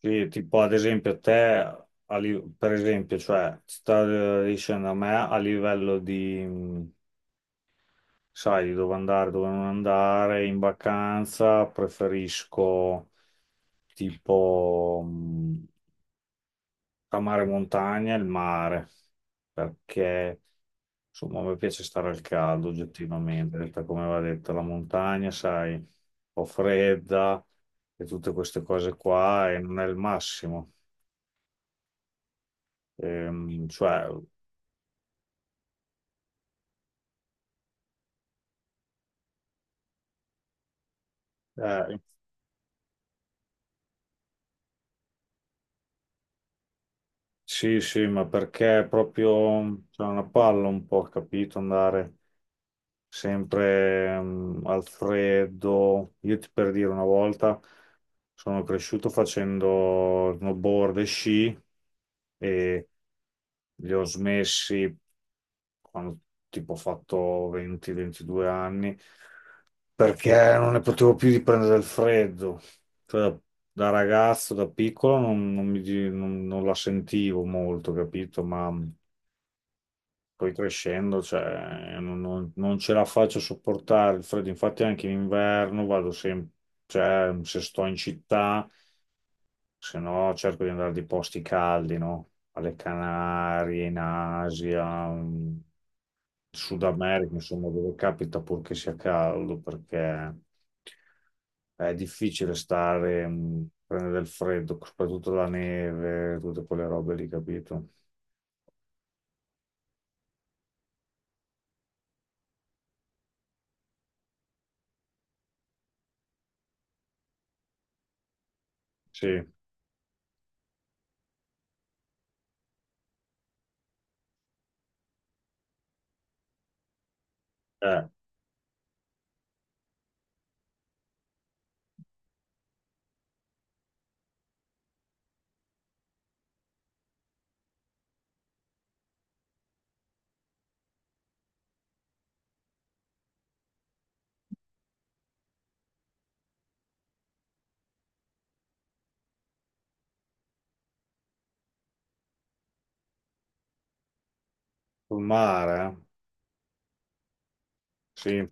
Sì, tipo ad esempio te, per esempio, cioè, ti sta dicendo a me a livello di, sai, di dove andare, dove non andare. In vacanza preferisco tipo, tra mare e montagna, e il mare, perché insomma mi piace stare al caldo oggettivamente, detta come va detto. La montagna, sai, un po' fredda e tutte queste cose qua, e non è il massimo. Cioè, eh, sì, sì, ma perché è proprio c'è una palla un po', capito? Andare sempre al freddo. Io ti per dire una volta sono cresciuto facendo snowboard e sci, e li ho smessi quando tipo ho fatto 20-22 anni, perché non ne potevo più di prendere il freddo. Cioè, da ragazzo, da piccolo, non mi non la sentivo molto, capito? Ma poi crescendo, cioè, non ce la faccio a sopportare il freddo. Infatti anche in inverno vado sempre, cioè, se sto in città, se no cerco di andare di posti caldi, no? Alle Canarie, in Asia, in Sud America, insomma, dove capita, purché sia caldo, perché è difficile stare, prendere del freddo, soprattutto la neve, tutte quelle robe lì, capito? Sì, sul mare, eh? Sì,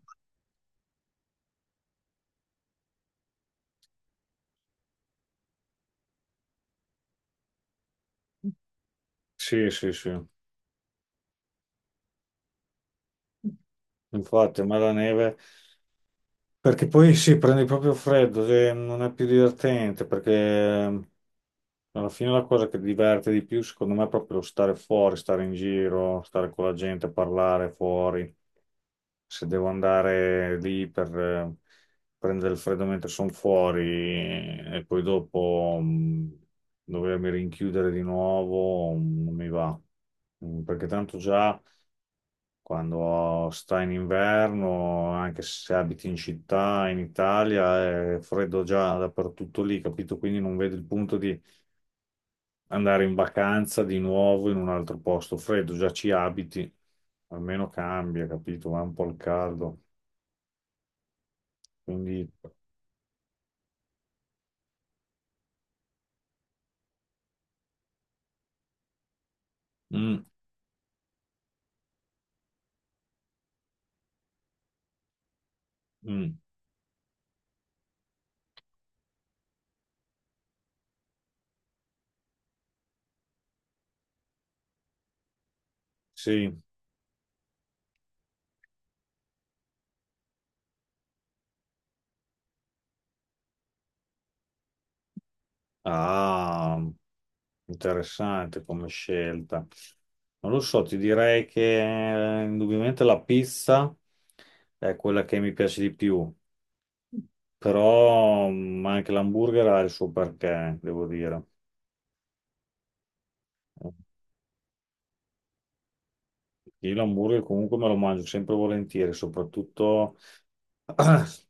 sì, sì, sì. Infatti, a me la neve. Perché poi sì, prendi proprio freddo, cioè, non è più divertente, perché alla fine la cosa che diverte di più, secondo me, è proprio lo stare fuori, stare in giro, stare con la gente, parlare fuori. Se devo andare lì per prendere il freddo mentre sono fuori e poi dopo dovermi rinchiudere di nuovo, non mi va. Perché tanto già. Quando sta in inverno, anche se abiti in città, in Italia, è freddo già dappertutto lì, capito? Quindi non vedo il punto di andare in vacanza di nuovo in un altro posto freddo. Già ci abiti, almeno cambia, capito? Va un po' al caldo. Quindi, mm, mm, sì, ah, interessante come scelta. Non lo so, ti direi che indubbiamente la pizza è quella che mi piace di più. Però anche l'hamburger ha il suo perché, devo dire. Io l'hamburger comunque me lo mangio sempre volentieri, soprattutto,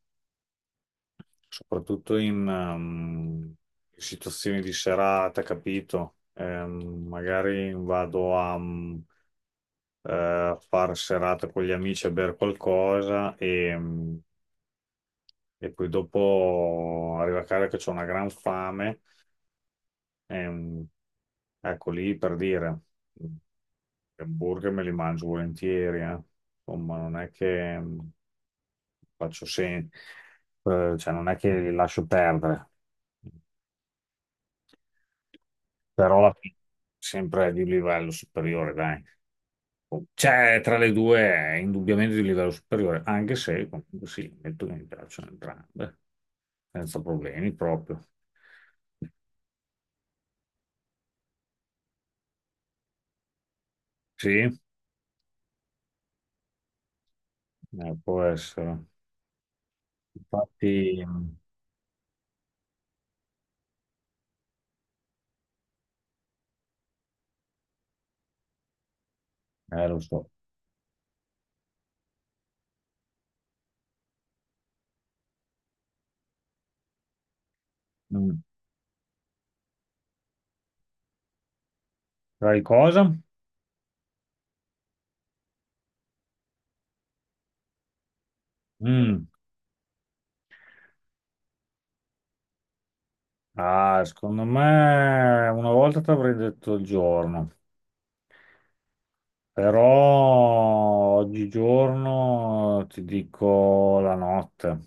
soprattutto in situazioni di serata, capito? Magari vado a, fare serata con gli amici a bere qualcosa e poi dopo arrivo a casa che ho una gran fame. Ehm, ecco lì per dire, gli hamburger me li mangio volentieri, eh. Insomma, non è che, faccio sen- cioè non è che li lascio perdere, però alla fine sempre di un livello superiore, dai. C'è tra le due è indubbiamente di livello superiore, anche se comunque sì, metto che mi piacciono entrambe, senza problemi proprio. Sì, può essere. Infatti. Mm, eh, lo so. Mm. Sai cosa? Mm. Ah, secondo me una volta ti avrei detto il giorno, però oggigiorno ti dico la notte.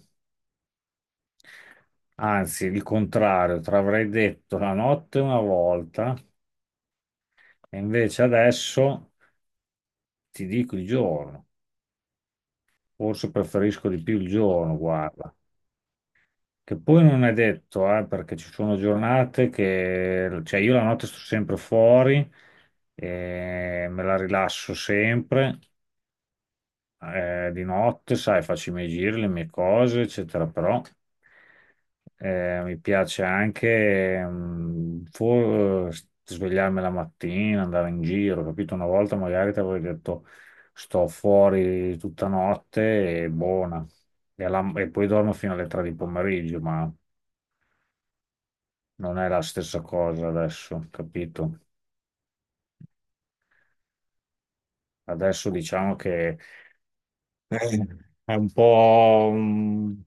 Anzi, il contrario, ti avrei detto la notte una volta, e invece adesso ti dico il giorno. Forse preferisco di più il giorno, guarda. Che poi non è detto, perché ci sono giornate che, cioè io la notte sto sempre fuori, e me la rilasso sempre, di notte, sai, faccio i miei giri, le mie cose, eccetera, però mi piace anche, svegliarmi la mattina, andare in giro, capito? Una volta magari ti avevo detto sto fuori tutta notte e buona, e poi dormo fino alle 3 di pomeriggio, ma non è la stessa cosa adesso, capito? Adesso diciamo che, eh, è un po'...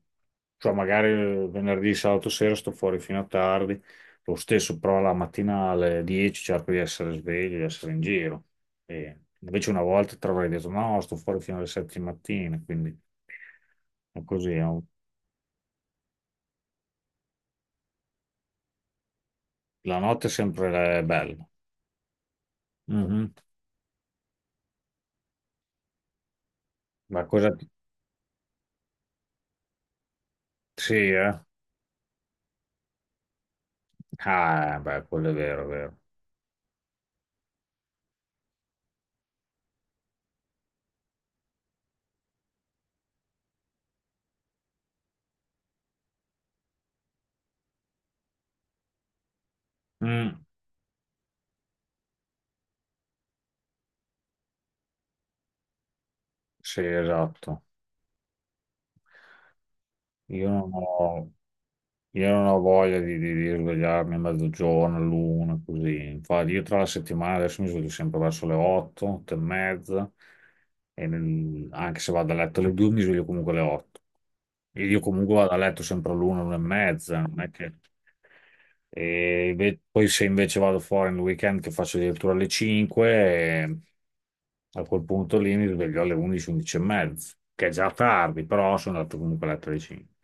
cioè magari venerdì, sabato sera sto fuori fino a tardi, lo stesso però la mattina alle 10 cerco di essere sveglio, di essere in giro. E invece una volta ti avrei detto no, sto fuori fino alle 7 di mattina, quindi è così. La notte è sempre bella. Mhm. Ma cosa... Sì, eh? Ah, beh, quello è vero, è vero. Mm. Sì, esatto. Io non ho, io non ho voglia di, di svegliarmi a mezzogiorno, l'una, così. Infatti, io tra la settimana adesso mi sveglio sempre verso le 8, 8 e mezza, anche se vado a letto alle 2 mi sveglio comunque alle 8. E io comunque vado a letto sempre all'una, l'una e mezza, non è che... poi se invece vado fuori nel weekend che faccio addirittura alle 5, eh, a quel punto lì mi sveglio alle 11, 11 e mezza, che è già tardi, però sono andato comunque a letto alle 5.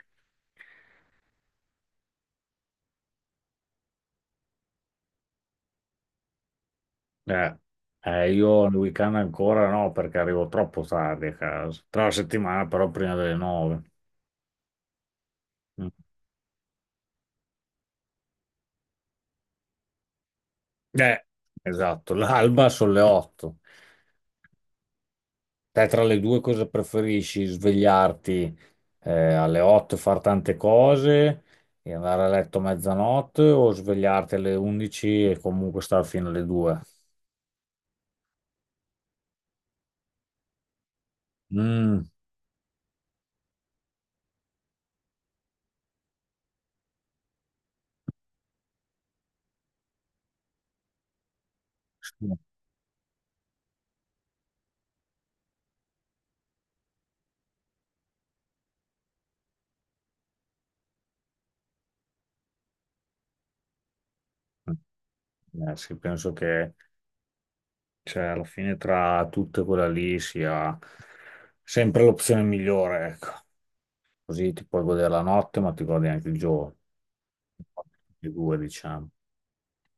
Eh, io nel weekend ancora no, perché arrivo troppo tardi a casa. Tra la settimana, però, prima delle 9. Mm. Eh, esatto. L'alba sono le 8. Te tra le due cosa preferisci? Svegliarti alle 8 e fare tante cose e andare a letto a mezzanotte, o svegliarti alle 11 e comunque stare fino alle 2? Mm, sì. Sì, penso che cioè, alla fine tra tutte quella lì sia sempre l'opzione migliore, ecco. Così ti puoi godere la notte, ma ti godi anche il giorno. Le due, diciamo.